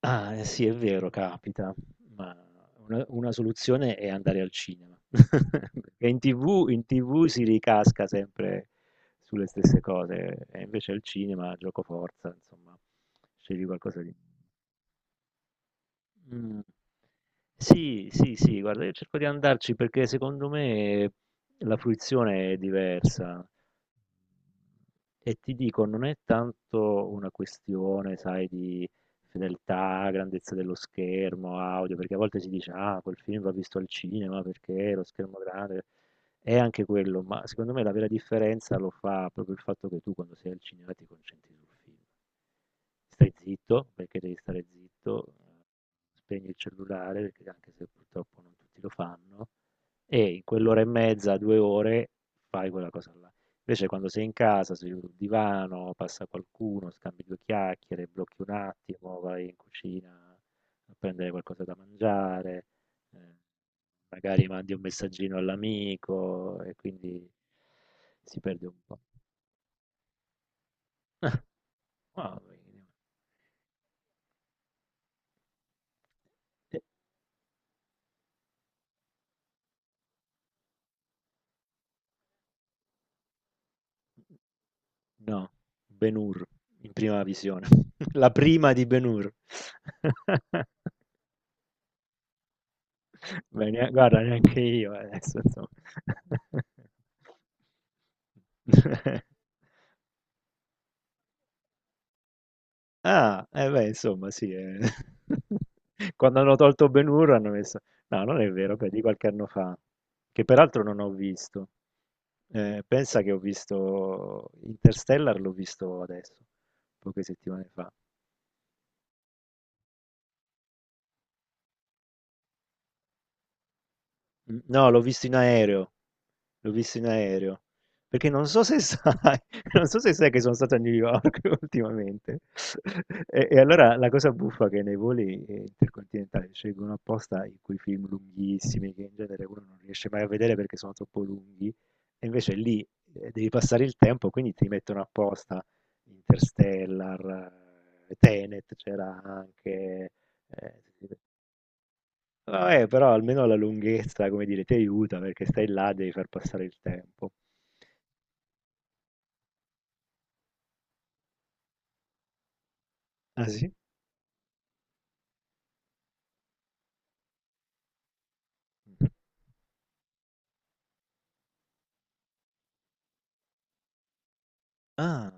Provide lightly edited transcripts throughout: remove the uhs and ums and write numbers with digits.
Ah, eh sì, è vero, capita, ma una soluzione è andare al cinema. Perché in TV in TV si ricasca sempre sulle stesse cose, e invece al cinema giocoforza, insomma, scegli qualcosa di mh. Sì, sì, sì, guarda, io cerco di andarci perché secondo me la fruizione è diversa. E ti dico, non è tanto una questione, sai, di fedeltà, grandezza dello schermo, audio, perché a volte si dice, ah, quel film va visto al cinema perché lo schermo grande è anche quello, ma secondo me la vera differenza lo fa proprio il fatto che tu quando sei al cinema ti concentri sul film. Stai zitto, perché devi stare zitto, spegni il cellulare, perché anche se purtroppo non tutti lo fanno, e in quell'ora e mezza, 2 ore, fai quella cosa là. Invece quando sei in casa, seduto sul divano, passa qualcuno, scambi due chiacchiere, blocchi un attimo, vai in cucina a prendere qualcosa da mangiare, eh, magari mandi un messaggino all'amico e quindi si perde un po'. Ah, eh, no, Ben-Hur in prima visione. La prima di Ben-Hur. Beh, ne guarda neanche io adesso, insomma. Ah, eh beh, insomma, sì. Eh. Quando hanno tolto Ben Hur hanno messo... No, non è vero, beh, di qualche anno fa, che peraltro non ho visto. Pensa che ho visto Interstellar, l'ho visto adesso, poche settimane fa. No, l'ho visto in aereo. L'ho visto in aereo. Perché non so se sai non so se sai che sono stato a New York ultimamente e allora la cosa buffa è che nei voli, intercontinentali scelgono apposta i quei film lunghissimi, che in genere uno non riesce mai a vedere perché sono troppo lunghi, e invece lì, devi passare il tempo, quindi ti mettono apposta Interstellar, Tenet c'era anche, ehm No, però almeno la lunghezza, come dire, ti aiuta perché stai là, devi far passare il tempo. Ah sì? Mhm. Ah,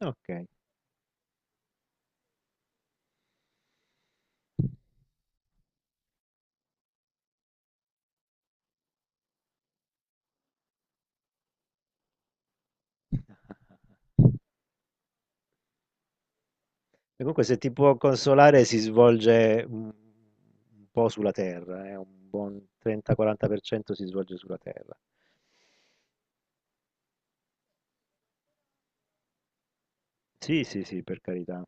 ok. E comunque se ti può consolare si svolge un po' sulla Terra, un buon 30-40% si svolge sulla Terra. Sì, sì, sì, per carità.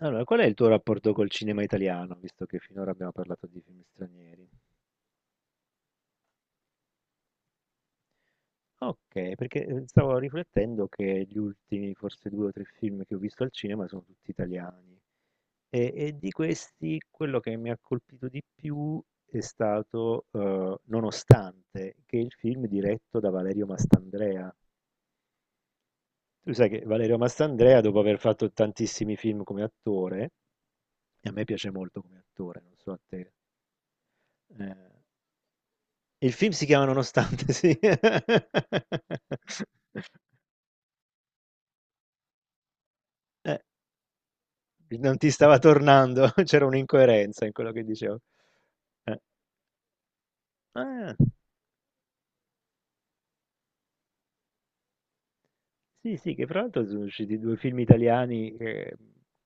Allora, qual è il tuo rapporto col cinema italiano, visto che finora abbiamo parlato di film stranieri? Ok, perché stavo riflettendo che gli ultimi, forse due o tre film che ho visto al cinema sono tutti italiani. E di questi quello che mi ha colpito di più è stato Nonostante, che è il film diretto da Valerio Mastandrea. Tu sai che Valerio Mastandrea, dopo aver fatto tantissimi film come attore, e a me piace molto come attore, non so a te, eh, il film si chiama Nonostante, sì. Eh, non ti stava tornando, c'era un'incoerenza in quello che dicevo. Eh, ah. Sì, sì, che fra l'altro sono usciti due film italiani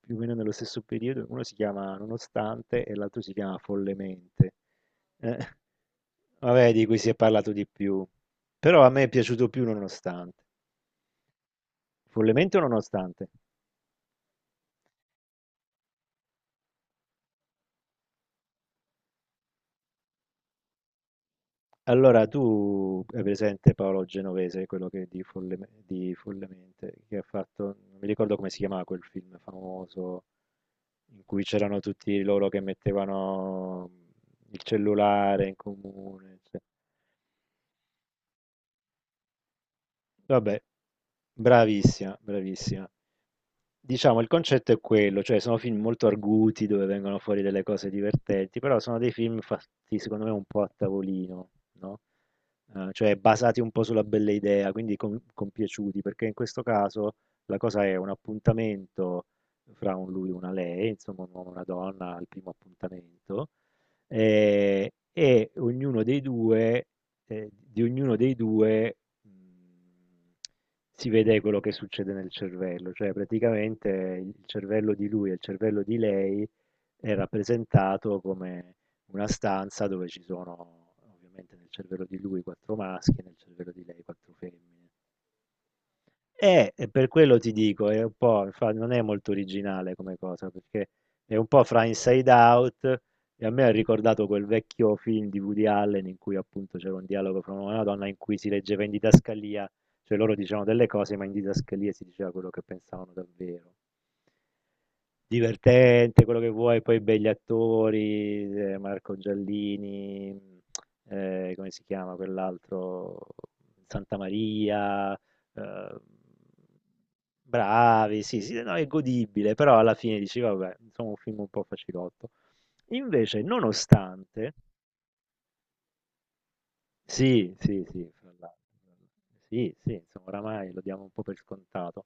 più o meno nello stesso periodo, uno si chiama Nonostante e l'altro si chiama Follemente. Eh, vabbè, di cui si è parlato di più, però a me è piaciuto più Nonostante. Follemente o Nonostante? Allora, tu hai presente Paolo Genovese, quello che di, Folle- di Follemente, che ha fatto, non mi ricordo come si chiamava quel film famoso, in cui c'erano tutti loro che mettevano il cellulare in comune. Cioè. Vabbè, bravissima, bravissima. Diciamo, il concetto è quello, cioè sono film molto arguti dove vengono fuori delle cose divertenti, però sono dei film fatti secondo me un po' a tavolino, no? Eh, cioè basati un po' sulla bella idea, quindi com- compiaciuti, perché in questo caso la cosa è un appuntamento fra un lui e una lei, insomma un uomo e una donna al primo appuntamento, e ognuno dei due, di ognuno dei due mh, si vede quello che succede nel cervello, cioè praticamente il cervello di lui e il cervello di lei è rappresentato come una stanza dove ci sono, ovviamente nel cervello di lui, quattro maschi e nel cervello di lei quattro femmine. E per quello ti dico, è un po', infa- non è molto originale come cosa, perché è un po' fra Inside Out e a me ha ricordato quel vecchio film di Woody Allen in cui appunto c'era un dialogo fra un uomo e una donna in cui si leggeva in didascalia, cioè loro dicevano delle cose, ma in didascalia si diceva quello che pensavano davvero. Divertente, quello che vuoi, poi begli attori, Marco Giallini, come si chiama quell'altro? Santa Maria, eh, bravi, sì, sì, no, è godibile, però alla fine dici, vabbè, insomma, un film un po' facilotto. Invece, nonostante, sì, sì, sì, fra l'altro. Sì, sì, insomma, oramai lo diamo un po' per scontato.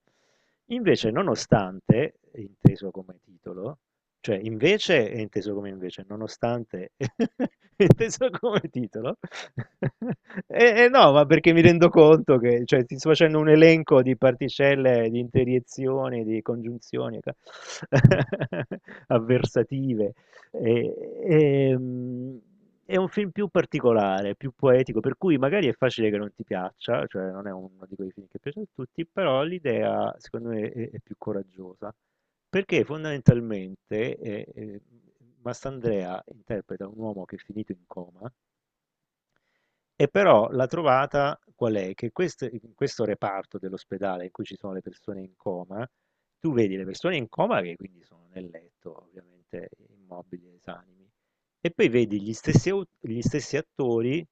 Invece, nonostante, è inteso come titolo, cioè invece è inteso come invece, nonostante è inteso come titolo, e no, ma perché mi rendo conto che cioè, ti sto facendo un elenco di particelle, di interiezioni, di congiunzioni ca- avversative. E, ehm, è un film più particolare, più poetico, per cui magari è facile che non ti piaccia, cioè non è uno di quei film che piace a tutti, però l'idea secondo me è più coraggiosa, perché fondamentalmente Mastandrea interpreta un uomo che è finito in coma e però la trovata qual è? Che quest- in questo reparto dell'ospedale in cui ci sono le persone in coma, tu vedi le persone in coma che quindi sono nel letto, ovviamente immobili, e esanimi, e poi vedi gli stessi, au- gli stessi attori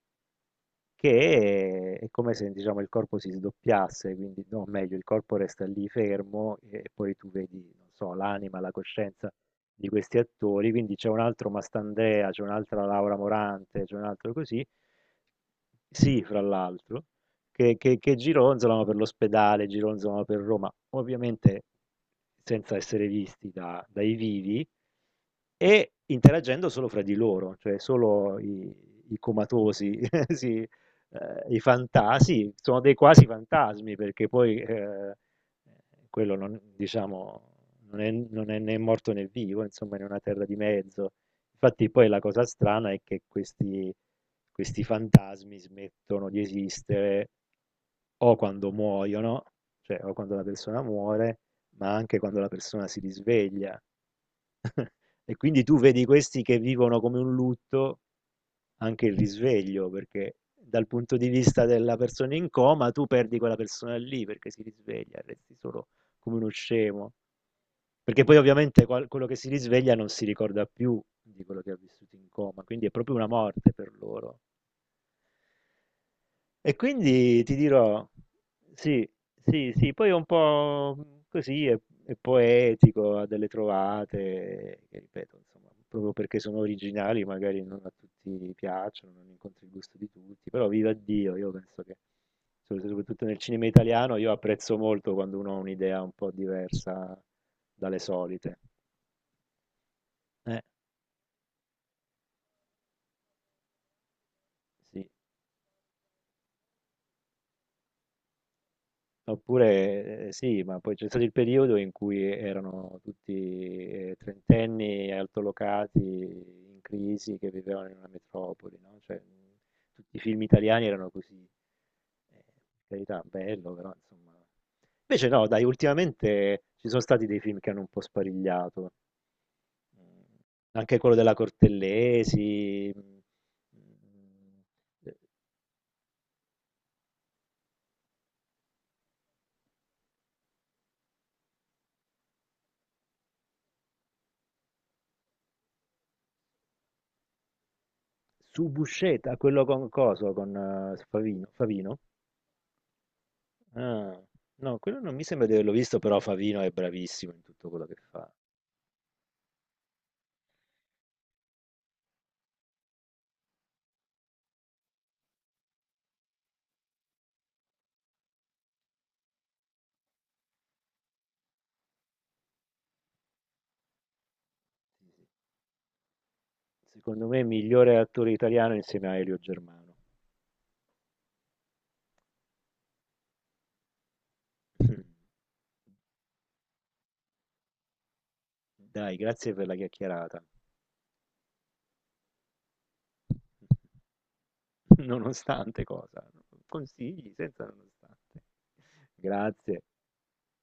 che è come se diciamo, il corpo si sdoppiasse, quindi no, meglio, il corpo resta lì fermo e poi tu vedi, non so, l'anima, la coscienza di questi attori, quindi c'è un altro Mastandrea, c'è un'altra Laura Morante, c'è un altro così, sì, fra l'altro, che gironzolano per l'ospedale, gironzolano per Roma, ovviamente senza essere visti da- dai vivi e interagendo solo fra di loro, cioè solo i, i comatosi, si- i fantasi, sono dei quasi fantasmi perché poi quello non, diciamo, non è, non è né morto né vivo, insomma, in una terra di mezzo. Infatti, poi la cosa strana è che questi, questi fantasmi smettono di esistere o quando muoiono, cioè o quando la persona muore, ma anche quando la persona si risveglia. E quindi tu vedi questi che vivono come un lutto anche il risveglio, perché dal punto di vista della persona in coma tu perdi quella persona lì perché si risveglia, resti solo come uno scemo. Perché poi ovviamente qual- quello che si risveglia non si ricorda più di quello che ha vissuto in coma, quindi è proprio una morte per loro. E quindi ti dirò, sì, sì, sì, poi è un po' così, è poetico, ha delle trovate, che ripeto, insomma, proprio perché sono originali, magari non a tutti piacciono, non incontri il gusto di tutti, però viva Dio, io penso che, sop- soprattutto nel cinema italiano, io apprezzo molto quando uno ha un'idea un po' diversa dalle solite. Eh, sì. Oppure sì, ma poi c'è stato il periodo in cui erano tutti trentenni altolocati in crisi che vivevano in una metropoli, no? Cioè, tutti i film italiani erano così. Per carità, bello, però insomma. Invece no, dai, ultimamente ci sono stati dei film che hanno un po' sparigliato. Mm, anche quello della Cortellesi, mm, mm, eh, Subusceta, quello con coso, con Favino, Favino. Ah, no, quello non mi sembra di averlo visto, però Favino è bravissimo in tutto quello che fa. Secondo me, migliore attore italiano insieme a Elio Germano. Dai, grazie per la chiacchierata. Nonostante cosa? Consigli senza nonostante. Grazie.